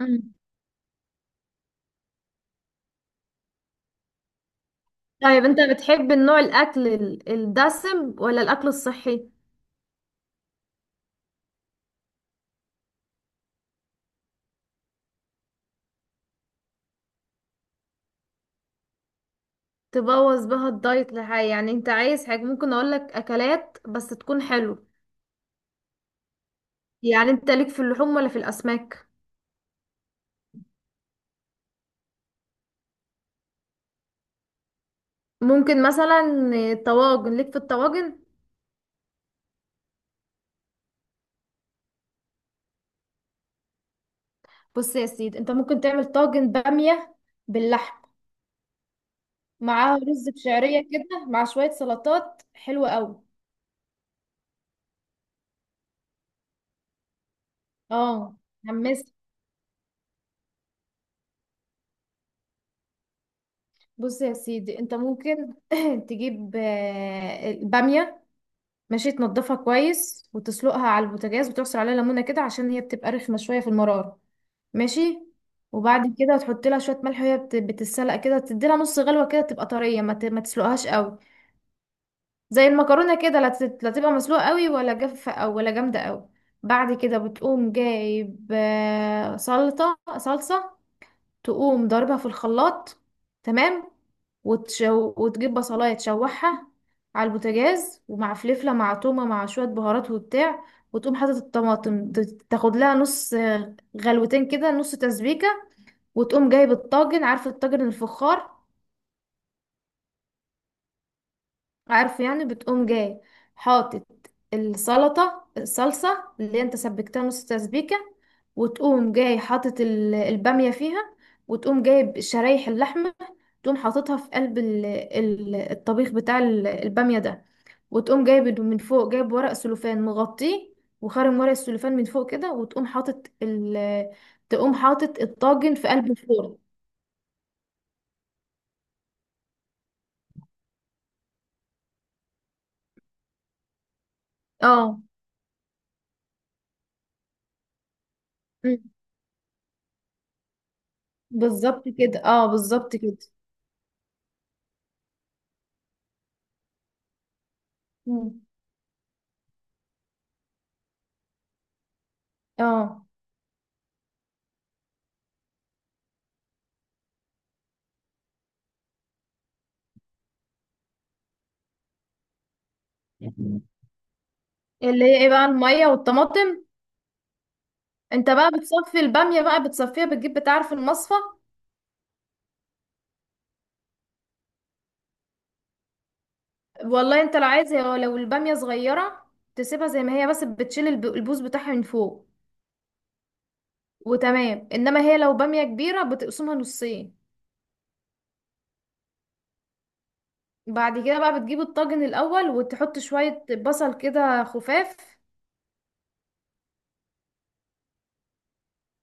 مم. طيب، انت بتحب النوع الاكل الدسم ولا الاكل الصحي؟ تبوظ بها الدايت لحاجة؟ يعني انت عايز حاجة ممكن اقولك اكلات بس تكون حلو. يعني انت ليك في اللحوم ولا في الاسماك؟ ممكن مثلا طواجن، ليك في الطواجن؟ بص يا سيدي، انت ممكن تعمل طاجن بامية باللحم، معاه رز بشعرية كده، مع شوية سلطات حلوة قوي. اه، حمست. بص يا سيدي، انت ممكن تجيب البامية. ماشي، تنضفها كويس وتسلقها على البوتاجاز وتعصر عليها ليمونه كده، عشان هي بتبقى رخمه شويه في المراره. ماشي. وبعد كده تحط لها شويه ملح، وهي بتتسلق كده، تدي لها نص غلوه كده تبقى طريه، ما تسلقهاش قوي. زي المكرونه كده، لا تبقى مسلوقه قوي ولا جافه او ولا جامده قوي. بعد كده بتقوم جايب سلطه صلصه، تقوم ضاربها في الخلاط. تمام. وتجيب بصلاية تشوحها على البوتاجاز، ومع فلفلة مع تومة مع شوية بهارات وبتاع، وتقوم حاطط الطماطم، تاخد لها نص غلوتين كده، نص تسبيكة. وتقوم جايب الطاجن، عارف الطاجن الفخار؟ عارفه، يعني بتقوم جاي حاطط السلطة الصلصة اللي انت سبكتها نص تسبيكة، وتقوم جاي حاطط البامية فيها، وتقوم جايب شرايح اللحمة، تقوم حاططها في قلب الطبيخ بتاع البامية ده، وتقوم جايب من فوق، جايب ورق سلوفان مغطيه، وخارم ورق السلوفان من فوق كده، وتقوم حاطط ال تقوم حاطط الطاجن في قلب الفرن. اه. مم. بالظبط كده، اه بالظبط كده. مم. اه. اللي هي ايه بقى الميه والطماطم؟ انت بقى بتصفي الباميه بقى، بتصفيها، بتجيب بتاع في المصفى. والله، انت لو عايز لو الباميه صغيره تسيبها زي ما هي، بس بتشيل البوز بتاعها من فوق، وتمام. انما هي لو باميه كبيره بتقسمها نصين. بعد كده بقى بتجيب الطاجن الاول وتحط شويه بصل كده خفاف.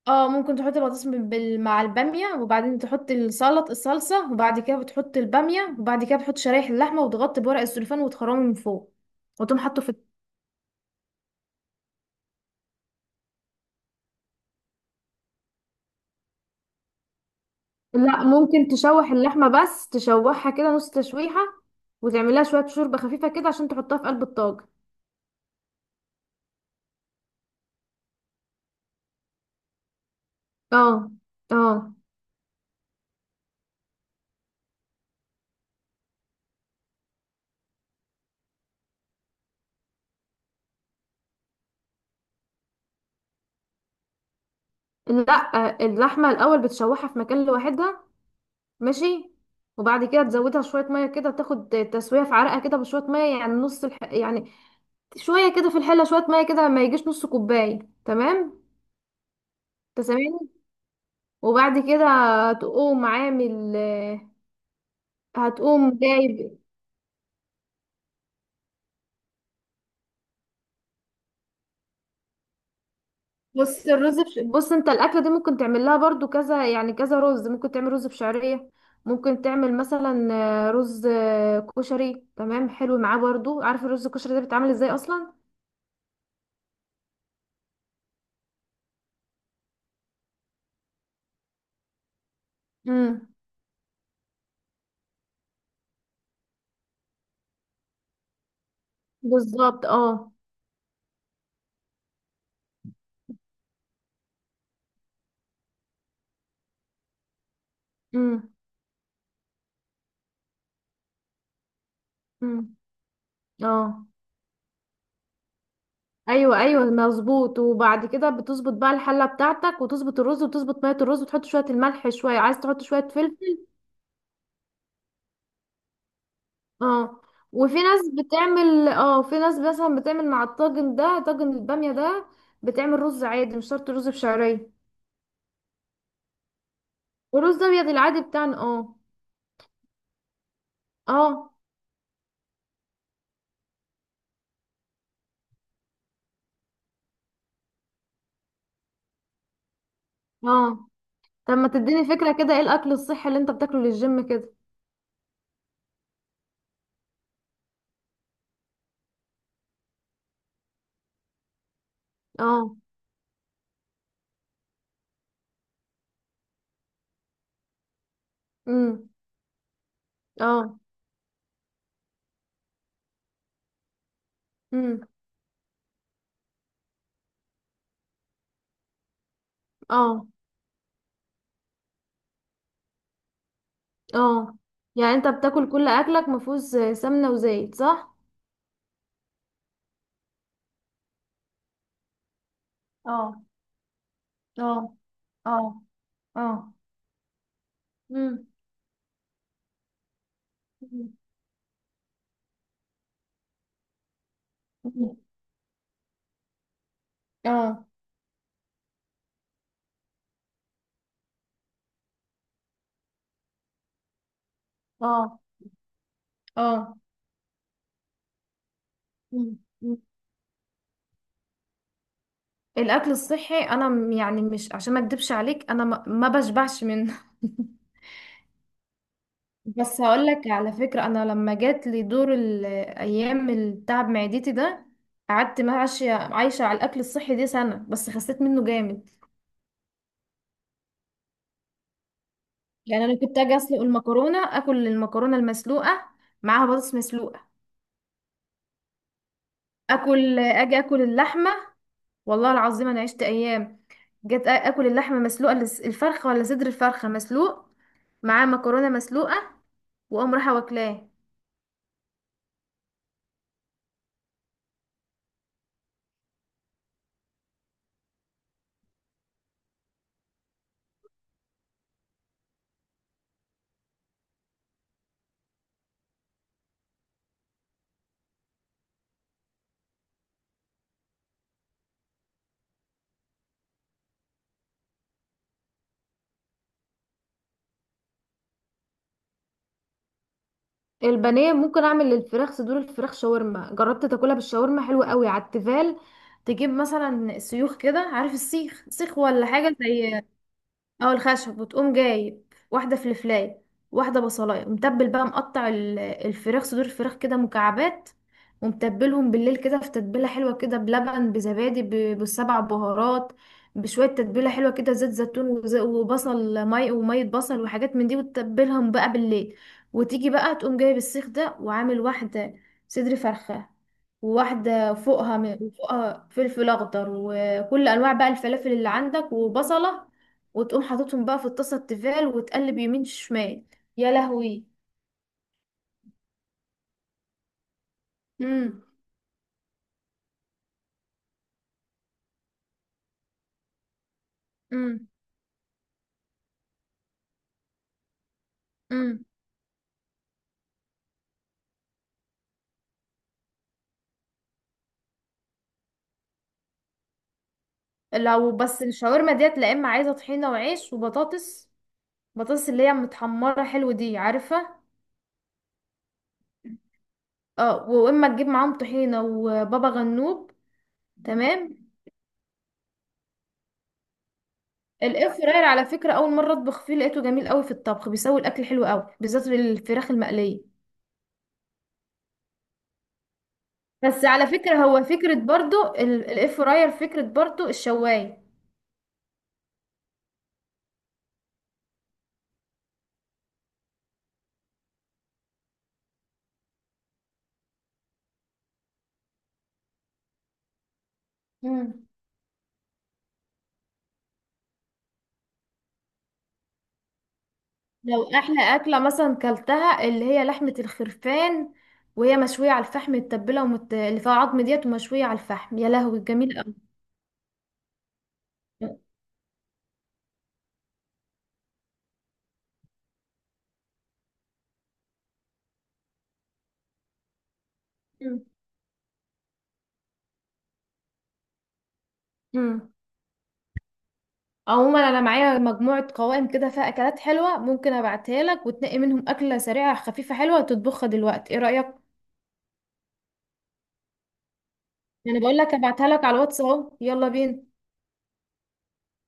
اه، ممكن تحط البطاطس مع الباميه، وبعدين تحط السلط الصلصه، وبعد كده بتحط الباميه، وبعد كده بتحط شرايح اللحمه، وتغطي بورق السلوفان وتخرمه من فوق، وتقوم حاطه في. لا، ممكن تشوح اللحمة بس، تشوحها كده نص تشويحة، وتعملها شوية شوربة خفيفة كده عشان تحطها في قلب الطاجن. اه. اه. لا، اللحمة الأول بتشوحها في مكان لوحدها. ماشي. وبعد كده تزودها شوية مية كده، تاخد تسوية في عرقها كده بشوية مية، يعني يعني شوية كده في الحلة، شوية مية كده ما يجيش نص كوباية. تمام. تسامحني. وبعد كده تقوم عامل، هتقوم جايب. بص انت الاكله دي ممكن تعمل لها برضو كذا، يعني كذا رز. ممكن تعمل رز بشعريه، ممكن تعمل مثلا رز كشري، تمام، حلو معاه برضو. عارف الرز الكشري ده بيتعمل ازاي اصلا؟ امم. بالظبط، اه. امم. امم. اه. ايوه، ايوه مظبوط. وبعد كده بتظبط بقى الحله بتاعتك، وتظبط الرز وتظبط ميه الرز وتحط شويه الملح، شويه عايز تحط شويه فلفل. اه. وفي ناس بتعمل، في ناس مثلا بتعمل مع الطاجن ده، طاجن البامية ده، بتعمل رز عادي، مش شرط رز بشعرية. ورز ابيض العادي بتاعنا، اه. اه. اه. طب ما تديني فكرة كده، ايه الاكل الصحي اللي انت بتاكله للجيم كده؟ اه. امم. اه. امم. اه. اه. يعني انت بتاكل كل اكلك مفيهوش سمنة وزيت، صح؟ اه. اه. اه. اه. امم. أمم. اه. اه. اه. الاكل الصحي انا يعني، مش عشان ما اكدبش عليك، انا ما بشبعش منه بس هقول لك على فكره، انا لما جات لي دور الايام التعب معدتي ده، قعدت ماشيه عايشه على الاكل الصحي دي سنه، بس خسيت منه جامد. يعني انا كنت اجي اسلق المكرونه، اكل المكرونه المسلوقه معاها بطاطس مسلوقه، اكل، اجي اكل اللحمه. والله العظيم انا عشت ايام، جيت اكل اللحمه مسلوقه، الفرخه ولا صدر الفرخه مسلوق معاه مكرونه مسلوقه، واقوم رايحه واكلاه. البانيه ممكن اعمل للفراخ، صدور الفراخ شاورما، جربت تاكلها بالشاورما؟ حلوه قوي على التيفال. تجيب مثلا سيوخ كده، عارف السيخ، سيخ ولا حاجه زي. اه، الخشب. وتقوم جايب واحده فلفلايه، واحده بصلايه، ومتبل بقى، مقطع الفراخ، صدور الفراخ كده مكعبات، ومتبلهم بالليل كده في تتبيله حلوه كده، بلبن، بزبادي، بالسبع بهارات، بشويه تتبيله حلوه كده، زيت زيتون، وبصل، وميه، بصل وحاجات من دي، وتتبلهم بقى بالليل، وتيجي بقى تقوم جايب السيخ ده وعامل واحده صدر فرخه، وواحدة فوقها فلفل أخضر، وكل أنواع بقى الفلافل اللي عندك، وبصلة، وتقوم حاططهم بقى في الطاسة التيفال، وتقلب يمين شمال. يا لهوي. امم. امم. امم. لو بس الشاورما ديت، لا اما عايزة طحينة وعيش وبطاطس، بطاطس اللي هي متحمرة حلو دي، عارفة؟ اه. واما تجيب معاهم طحينة وبابا غنوج. تمام. الاير فراير على فكرة اول مرة اطبخ فيه لقيته جميل قوي في الطبخ، بيسوي الاكل حلو قوي بالذات الفراخ المقلية. بس على فكرة هو فكرة برضو الاير فراير، فكرة برضو الشواية. مم. لو احلى اكله مثلا كلتها، اللي هي لحمه الخرفان وهي مشويه على الفحم متبله اللي فيها عظم ديت ومشويه على الفحم، يا لهوي جميل قوي. امم. عموما انا معايا مجموعه قوائم كده فيها اكلات حلوه، ممكن ابعتها لك وتنقي منهم اكله سريعه خفيفه حلوه وتطبخها دلوقتي، ايه رايك؟ انا بقول لك ابعتها لك على الواتس، اهو يلا بينا.